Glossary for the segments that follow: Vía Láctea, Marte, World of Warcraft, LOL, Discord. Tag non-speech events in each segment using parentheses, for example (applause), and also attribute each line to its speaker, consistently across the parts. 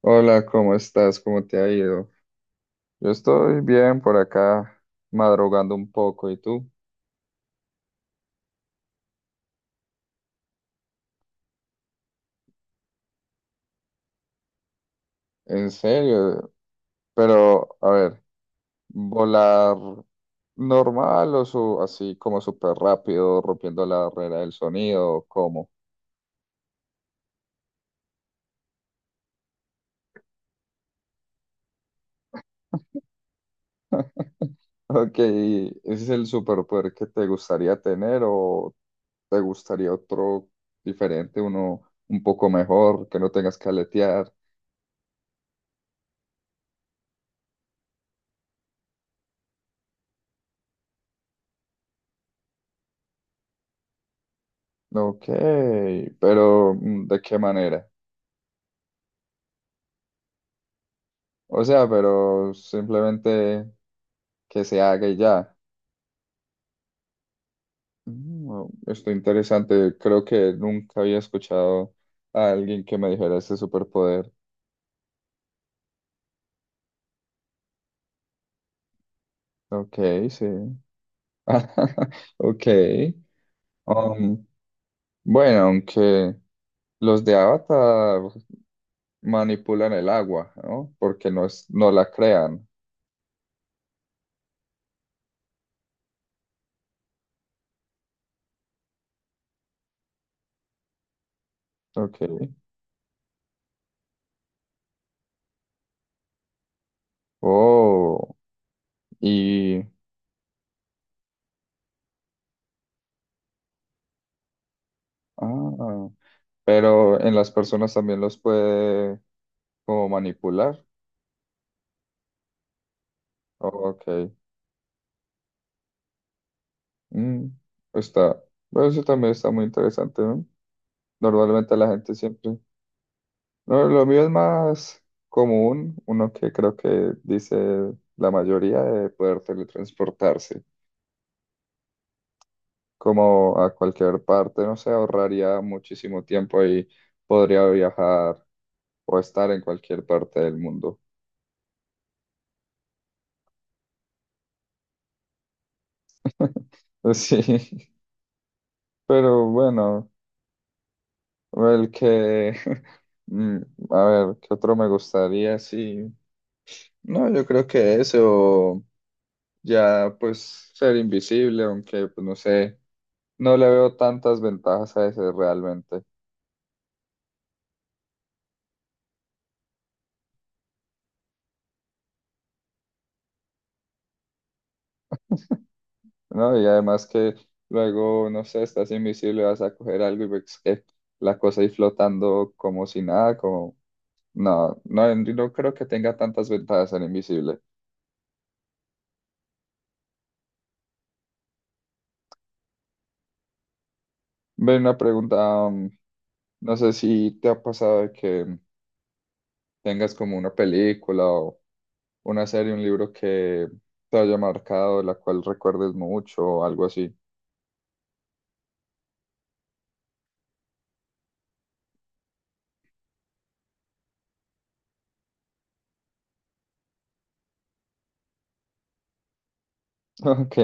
Speaker 1: Hola, ¿cómo estás? ¿Cómo te ha ido? Yo estoy bien por acá, madrugando un poco. ¿Y tú? ¿En serio? Pero, a ver, ¿volar normal o así como súper rápido, rompiendo la barrera del sonido? O ¿Cómo? (laughs) Ok, ¿ese es el superpoder que te gustaría tener o te gustaría otro diferente, uno un poco mejor, que no tengas que aletear? Ok, pero ¿de qué manera? O sea, pero simplemente que se haga y ya. Esto interesante. Creo que nunca había escuchado a alguien que me dijera ese superpoder. Ok, sí. (laughs) Ok. Um, bueno, aunque los de Avatar manipulan el agua, ¿no? Porque no es, no la crean. Ok. Oh, y... Ah, pero en las personas también los puede como manipular. Ok. Mm, Está, bueno, eso también está muy interesante, ¿no? Normalmente la gente siempre, no, lo mío es más común, uno que creo que dice la mayoría, de poder teletransportarse, como a cualquier parte, no sé, ahorraría muchísimo tiempo y podría viajar o estar en cualquier parte del mundo. (laughs) Sí, pero bueno, el que, (laughs) mm, a ver, ¿qué otro me gustaría? Sí. No, yo creo que eso, ya pues ser invisible, aunque pues no sé, no le veo tantas ventajas a ese realmente, (laughs) ¿no? Y además que luego, no sé, estás invisible, vas a coger algo y ves que la cosa ahí flotando como si nada, como, no, no, no creo que tenga tantas ventajas ser invisible. Ven, una pregunta, no sé si te ha pasado de que tengas como una película o... una serie, un libro que te haya marcado, la cual recuerdes mucho o algo así. (laughs) Ok,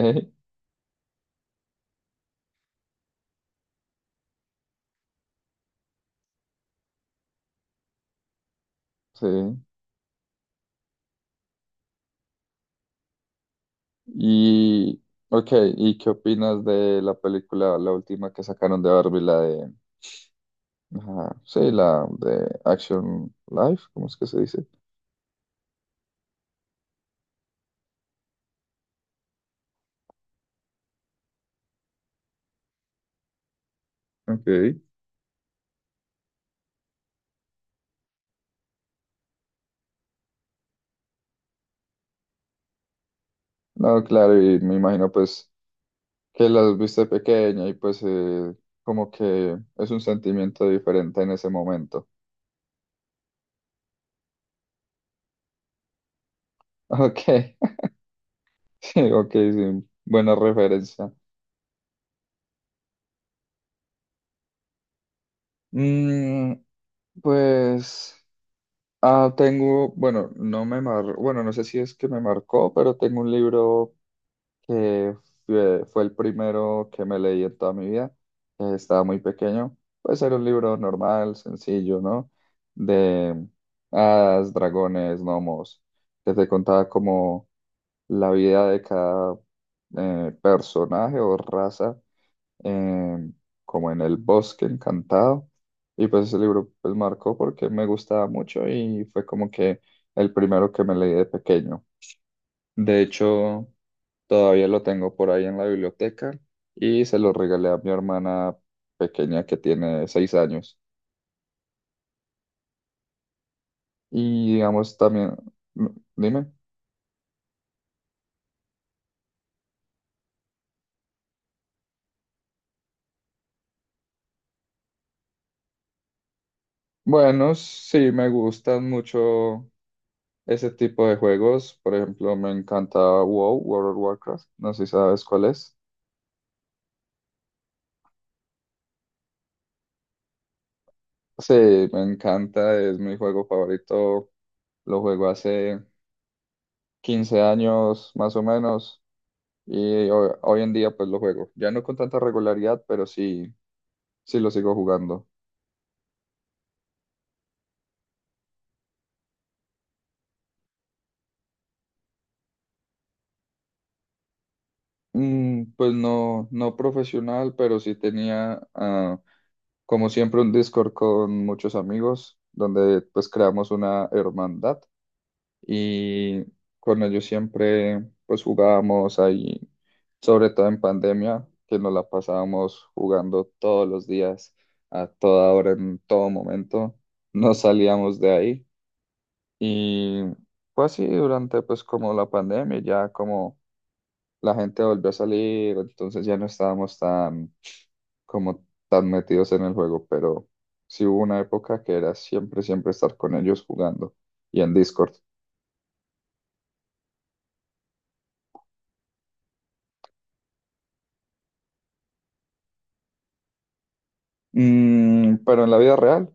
Speaker 1: sí. Y, ok, ¿y qué opinas de la película, la última que sacaron de Barbie, la de, ajá, sí, la de Action Life, ¿cómo es que se dice? Ok. No, claro, y me imagino pues que las viste pequeña y pues como que es un sentimiento diferente en ese momento. (laughs) Ok, (laughs) sí, ok, sí, buena referencia. Mm, pues tengo, bueno, bueno, no sé si es que me marcó, pero tengo un libro que fue el primero que me leí en toda mi vida. Estaba muy pequeño. Puede ser un libro normal, sencillo, ¿no? De hadas, dragones, gnomos, que te contaba como la vida de cada personaje o raza em, como en el bosque encantado. Y pues ese libro pues marcó porque me gustaba mucho y fue como que el primero que me leí de pequeño. De hecho, todavía lo tengo por ahí en la biblioteca y se lo regalé a mi hermana pequeña que tiene 6 años. Y digamos también, mm, dime. Bueno, sí, me gustan mucho ese tipo de juegos. Por ejemplo, me encanta WoW, World of Warcraft. No sé si sabes cuál es. Sí, me encanta, es mi juego favorito. Lo juego hace 15 años más o menos y hoy en día pues lo juego. Ya no con tanta regularidad, pero sí, sí lo sigo jugando. Pues no, no profesional, pero sí tenía como siempre un Discord con muchos amigos donde pues creamos una hermandad y con ellos siempre pues jugábamos ahí, sobre todo en pandemia, que nos la pasábamos jugando todos los días, a toda hora, en todo momento, no salíamos de ahí y fue así durante pues como la pandemia, ya como la gente volvió a salir, entonces ya no estábamos tan como tan metidos en el juego, pero sí hubo una época que era siempre, siempre estar con ellos jugando y en Discord. Mm, pero en la vida real.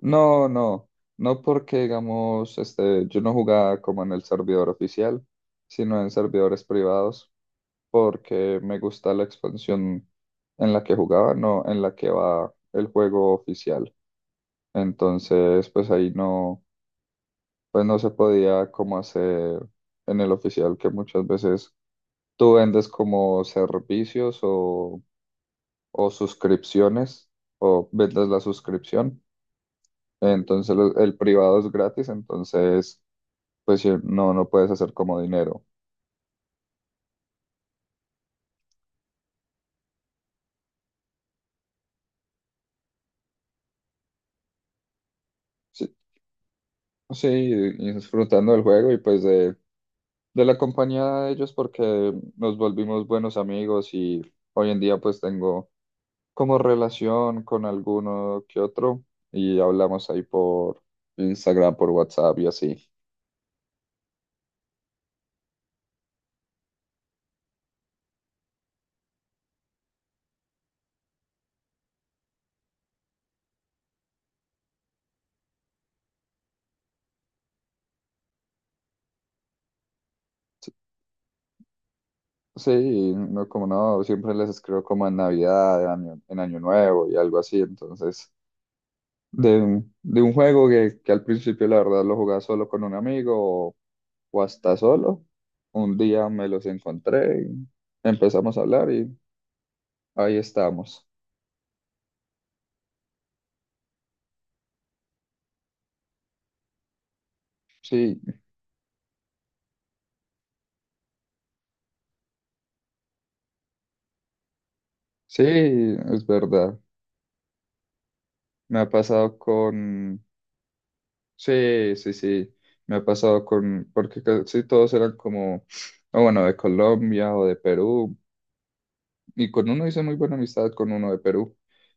Speaker 1: No, no, no porque digamos, este, yo no jugaba como en el servidor oficial, sino en servidores privados, porque me gusta la expansión en la que jugaba, no en la que va el juego oficial. Entonces, pues ahí no, pues no se podía como hacer en el oficial, que muchas veces tú vendes como servicios o suscripciones, o vendes la suscripción. Entonces, el privado es gratis, entonces pues sí, no, no puedes hacer como dinero. Sí, sí, y disfrutando del juego y pues de la compañía de ellos porque nos volvimos buenos amigos y hoy en día pues tengo como relación con alguno que otro y hablamos ahí por Instagram, por WhatsApp y así. Sí, y no como no, siempre les escribo como en Navidad, en Año Nuevo y algo así, entonces de un juego que al principio la verdad lo jugaba solo con un amigo o hasta solo. Un día me los encontré y empezamos a hablar y ahí estamos. Sí, sí, es verdad. Me ha pasado con... Sí, sí, sí. Me ha pasado con... Porque casi todos eran como, o bueno, de Colombia o de Perú. Y con uno hice muy buena amistad, con uno de Perú.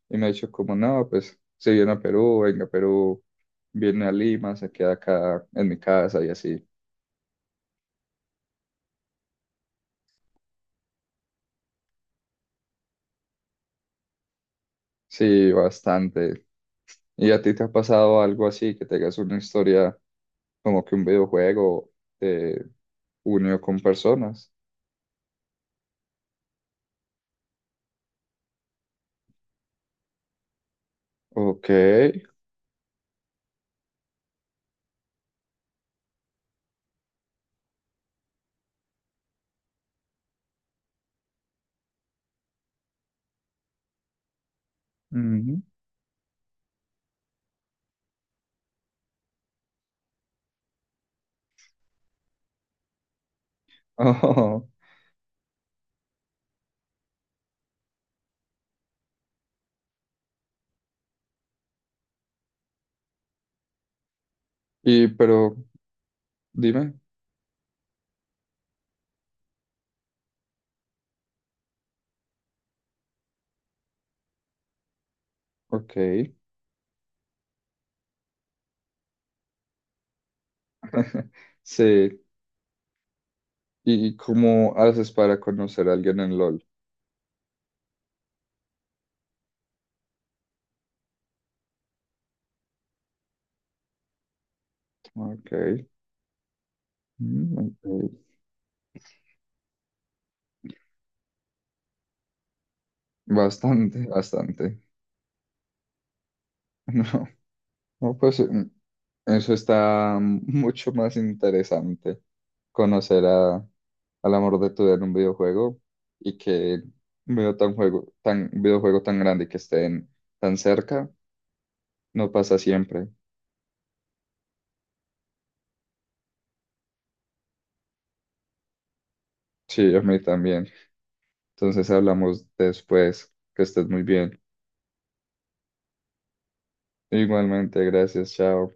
Speaker 1: Y me ha dicho como, no, pues si viene a Perú, venga a Perú, viene a Lima, se queda acá en mi casa y así. Sí, bastante. ¿Y a ti te ha pasado algo así, que tengas una historia como que un videojuego te unió con personas? Ok. Ujú. (laughs) Ojo. Y pero dime, ok. (laughs) Sí. ¿Y cómo haces para conocer a alguien en LOL? Ok. Mm, ok. Bastante, bastante. (laughs) No, no, pues eso está mucho más interesante, conocer a, al amor de tu vida en un videojuego y que un videojuego tan grande y que estén tan cerca, no pasa siempre. Sí, a mí también. Entonces hablamos después. Que estés muy bien. Igualmente, gracias, chao.